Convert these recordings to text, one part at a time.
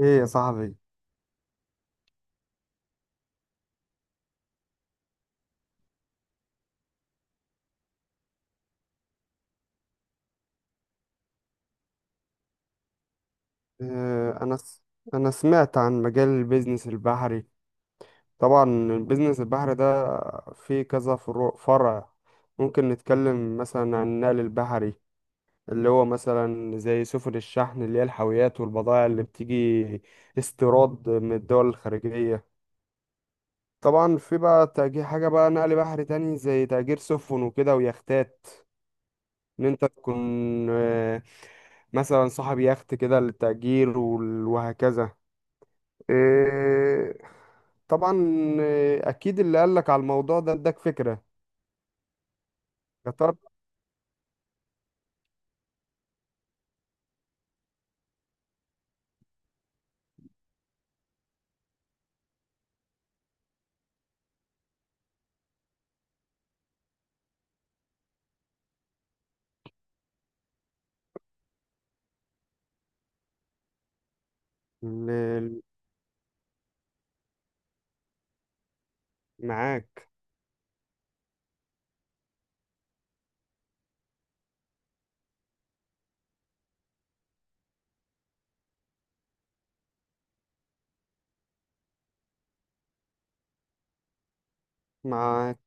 ايه يا صاحبي. آه، انا س... انا سمعت عن مجال البيزنس البحري. طبعا البيزنس البحري ده فيه كذا فروع فرع. ممكن نتكلم مثلا عن النقل البحري اللي هو مثلا زي سفن الشحن اللي هي الحاويات والبضائع اللي بتيجي استيراد من الدول الخارجية. طبعا في بقى تأجير حاجة بقى نقل بحري تاني زي تأجير سفن وكده ويختات. ان انت تكون آه، مثلا صاحب يخت كده للتأجير وهكذا. إيه، طبعا. اكيد اللي قالك على الموضوع ده اداك فكرة. قطر اللي معاك. معاك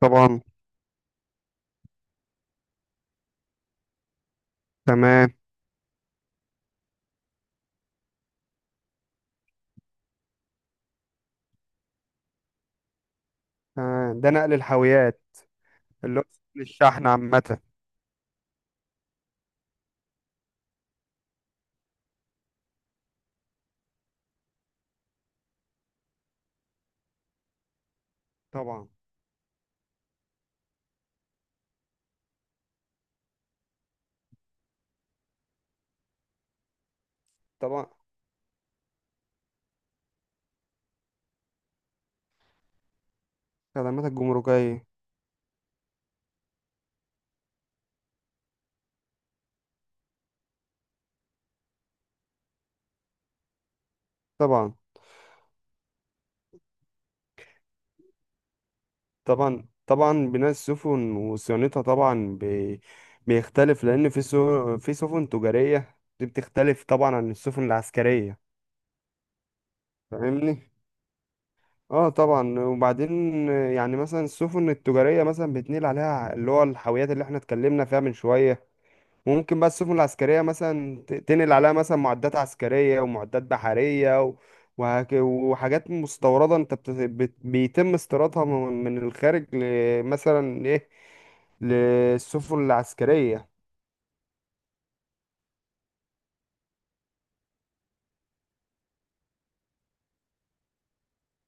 طبعا. تمام. ده نقل الحاويات اللي هو نقل الشحن عامة. طبعا. طبعا خدمات الجمركية. طبعا. طبعا طبعا بناء السفن وصيانتها. بيختلف لأن في سفن تجارية دي بتختلف طبعا عن السفن العسكرية. فاهمني. اه طبعا. وبعدين يعني مثلا السفن التجارية مثلا بتنقل عليها اللي هو الحاويات اللي احنا اتكلمنا فيها من شوية. وممكن بقى السفن العسكرية مثلا تنقل عليها مثلا معدات عسكرية ومعدات بحرية وحاجات مستوردة انت بيتم استيرادها من الخارج مثلا ايه، للسفن العسكرية.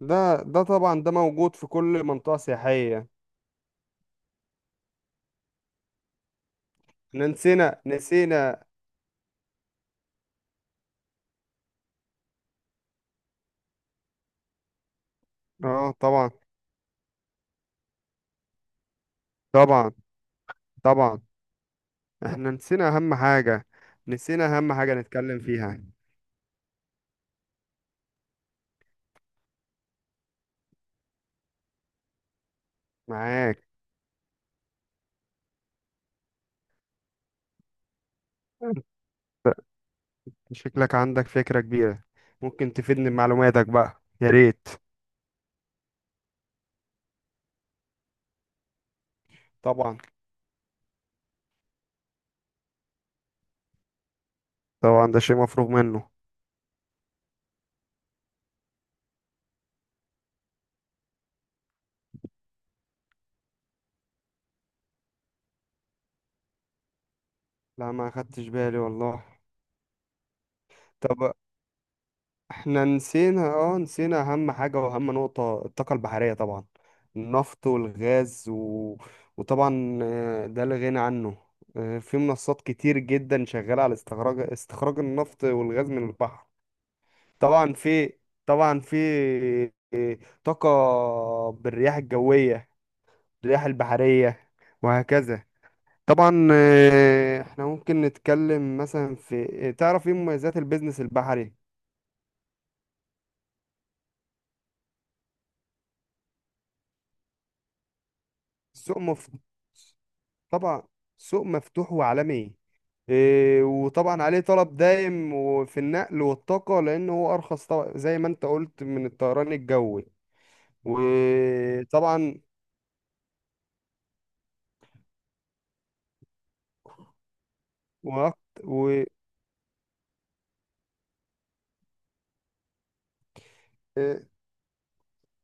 ده طبعا ده موجود في كل منطقة سياحية. احنا نسينا. اه طبعا. طبعا. طبعا. احنا نسينا اهم حاجة. نسينا اهم حاجة نتكلم فيها. معاك. انت شكلك عندك فكرة كبيرة. ممكن تفيدني بمعلوماتك بقى، يا ريت. طبعا. طبعا ده شيء مفروغ منه. لا، ما خدتش بالي والله. طب احنا نسينا، اه، نسينا اهم حاجة واهم نقطة، الطاقة البحرية طبعا. النفط والغاز وطبعا ده لا غنى عنه. في منصات كتير جدا شغالة على استخراج النفط والغاز من البحر. طبعا في طبعا في طاقة بالرياح الجوية، الرياح البحرية، وهكذا. طبعا، احنا ممكن نتكلم مثلا في، تعرف ايه مميزات البيزنس البحري؟ سوق مفتوح. طبعا سوق مفتوح وعالمي. وطبعا عليه طلب دائم وفي النقل والطاقة، لأنه هو أرخص طبعا زي ما أنت قلت من الطيران الجوي. وطبعا وقت.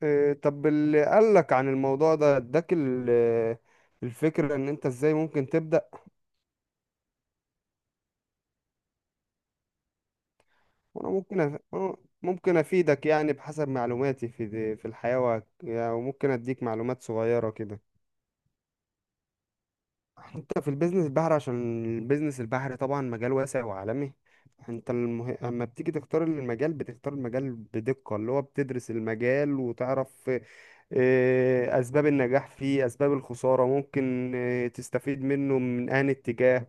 طب اللي قالك عن الموضوع ده اداك الفكرة، ان انت ازاي ممكن تبدأ. وانا أنا ممكن افيدك يعني بحسب معلوماتي في في الحياة يعني، وممكن اديك معلومات صغيرة كده. انت في البيزنس البحري، عشان البيزنس البحري طبعا مجال واسع وعالمي. اما بتيجي تختار المجال بتختار المجال بدقة، اللي هو بتدرس المجال وتعرف اسباب النجاح فيه، اسباب الخسارة، ممكن تستفيد منه من انهي اتجاه.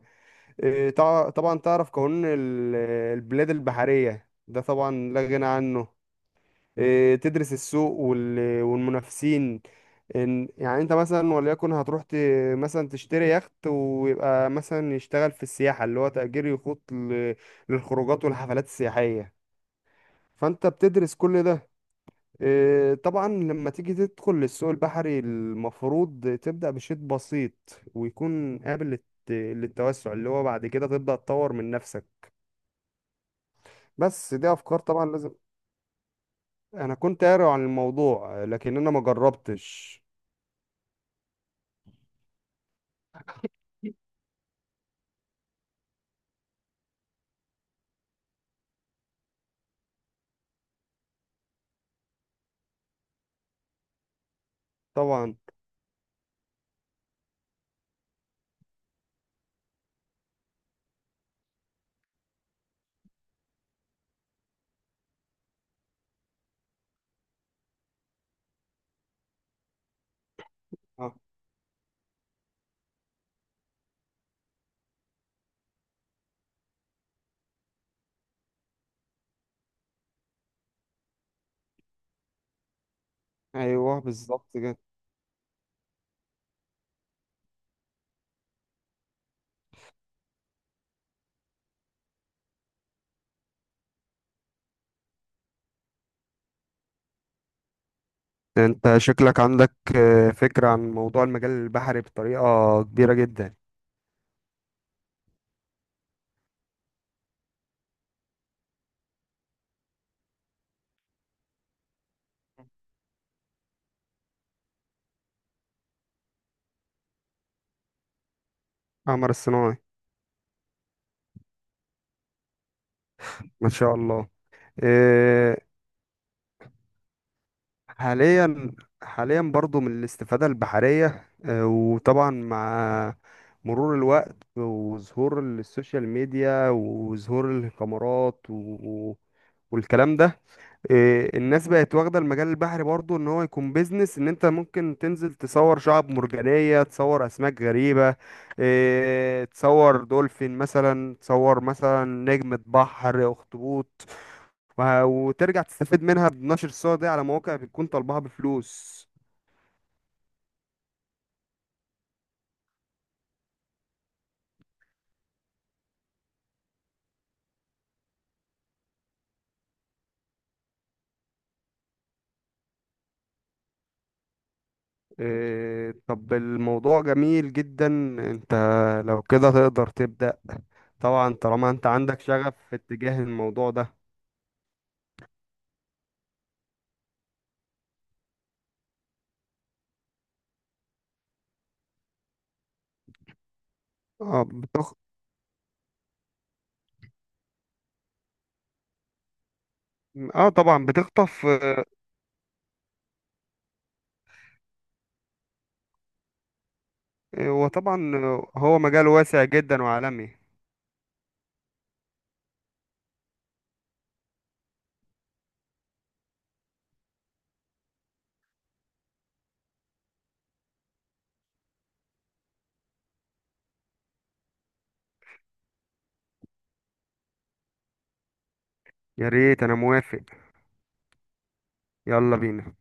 طبعا تعرف قانون البلاد البحرية، ده طبعا لا غنى عنه. تدرس السوق والمنافسين. يعني انت مثلا، وليكن هتروح مثلا تشتري يخت ويبقى مثلا يشتغل في السياحة، اللي هو تأجير يخوت للخروجات والحفلات السياحية. فانت بتدرس كل ده. طبعا لما تيجي تدخل للسوق البحري المفروض تبدأ بشيء بسيط ويكون قابل للتوسع، اللي هو بعد كده تبدأ تطور من نفسك. بس دي افكار، طبعا لازم، انا كنت قاري عن الموضوع لكن انا ما جربتش. طبعا. آه. ايوه بالظبط كده. انت شكلك عندك فكرة عن موضوع المجال البحري بطريقة كبيرة جدا. قمر الصناعي. ما شاء الله. آه، حاليا. حاليا برضو من الاستفادة البحرية، وطبعا مع مرور الوقت وظهور السوشيال ميديا وظهور الكاميرات والكلام ده. الناس بقت واخدة المجال البحري برضو ان هو يكون بيزنس، ان انت ممكن تنزل تصور شعب مرجانية، تصور اسماك غريبة، تصور دولفين مثلا، تصور مثلا نجمة بحر، اخطبوط. وترجع تستفيد منها بنشر الصور دي على مواقع بتكون طالبها بفلوس. طب الموضوع جميل جدا. انت لو كده تقدر تبدأ، طبعا طالما انت عندك شغف في اتجاه الموضوع ده. اه بتخ... اه طبعا بتخطف. وطبعا هو مجال واسع جدا وعالمي. يا ريت، انا موافق. يلا بينا.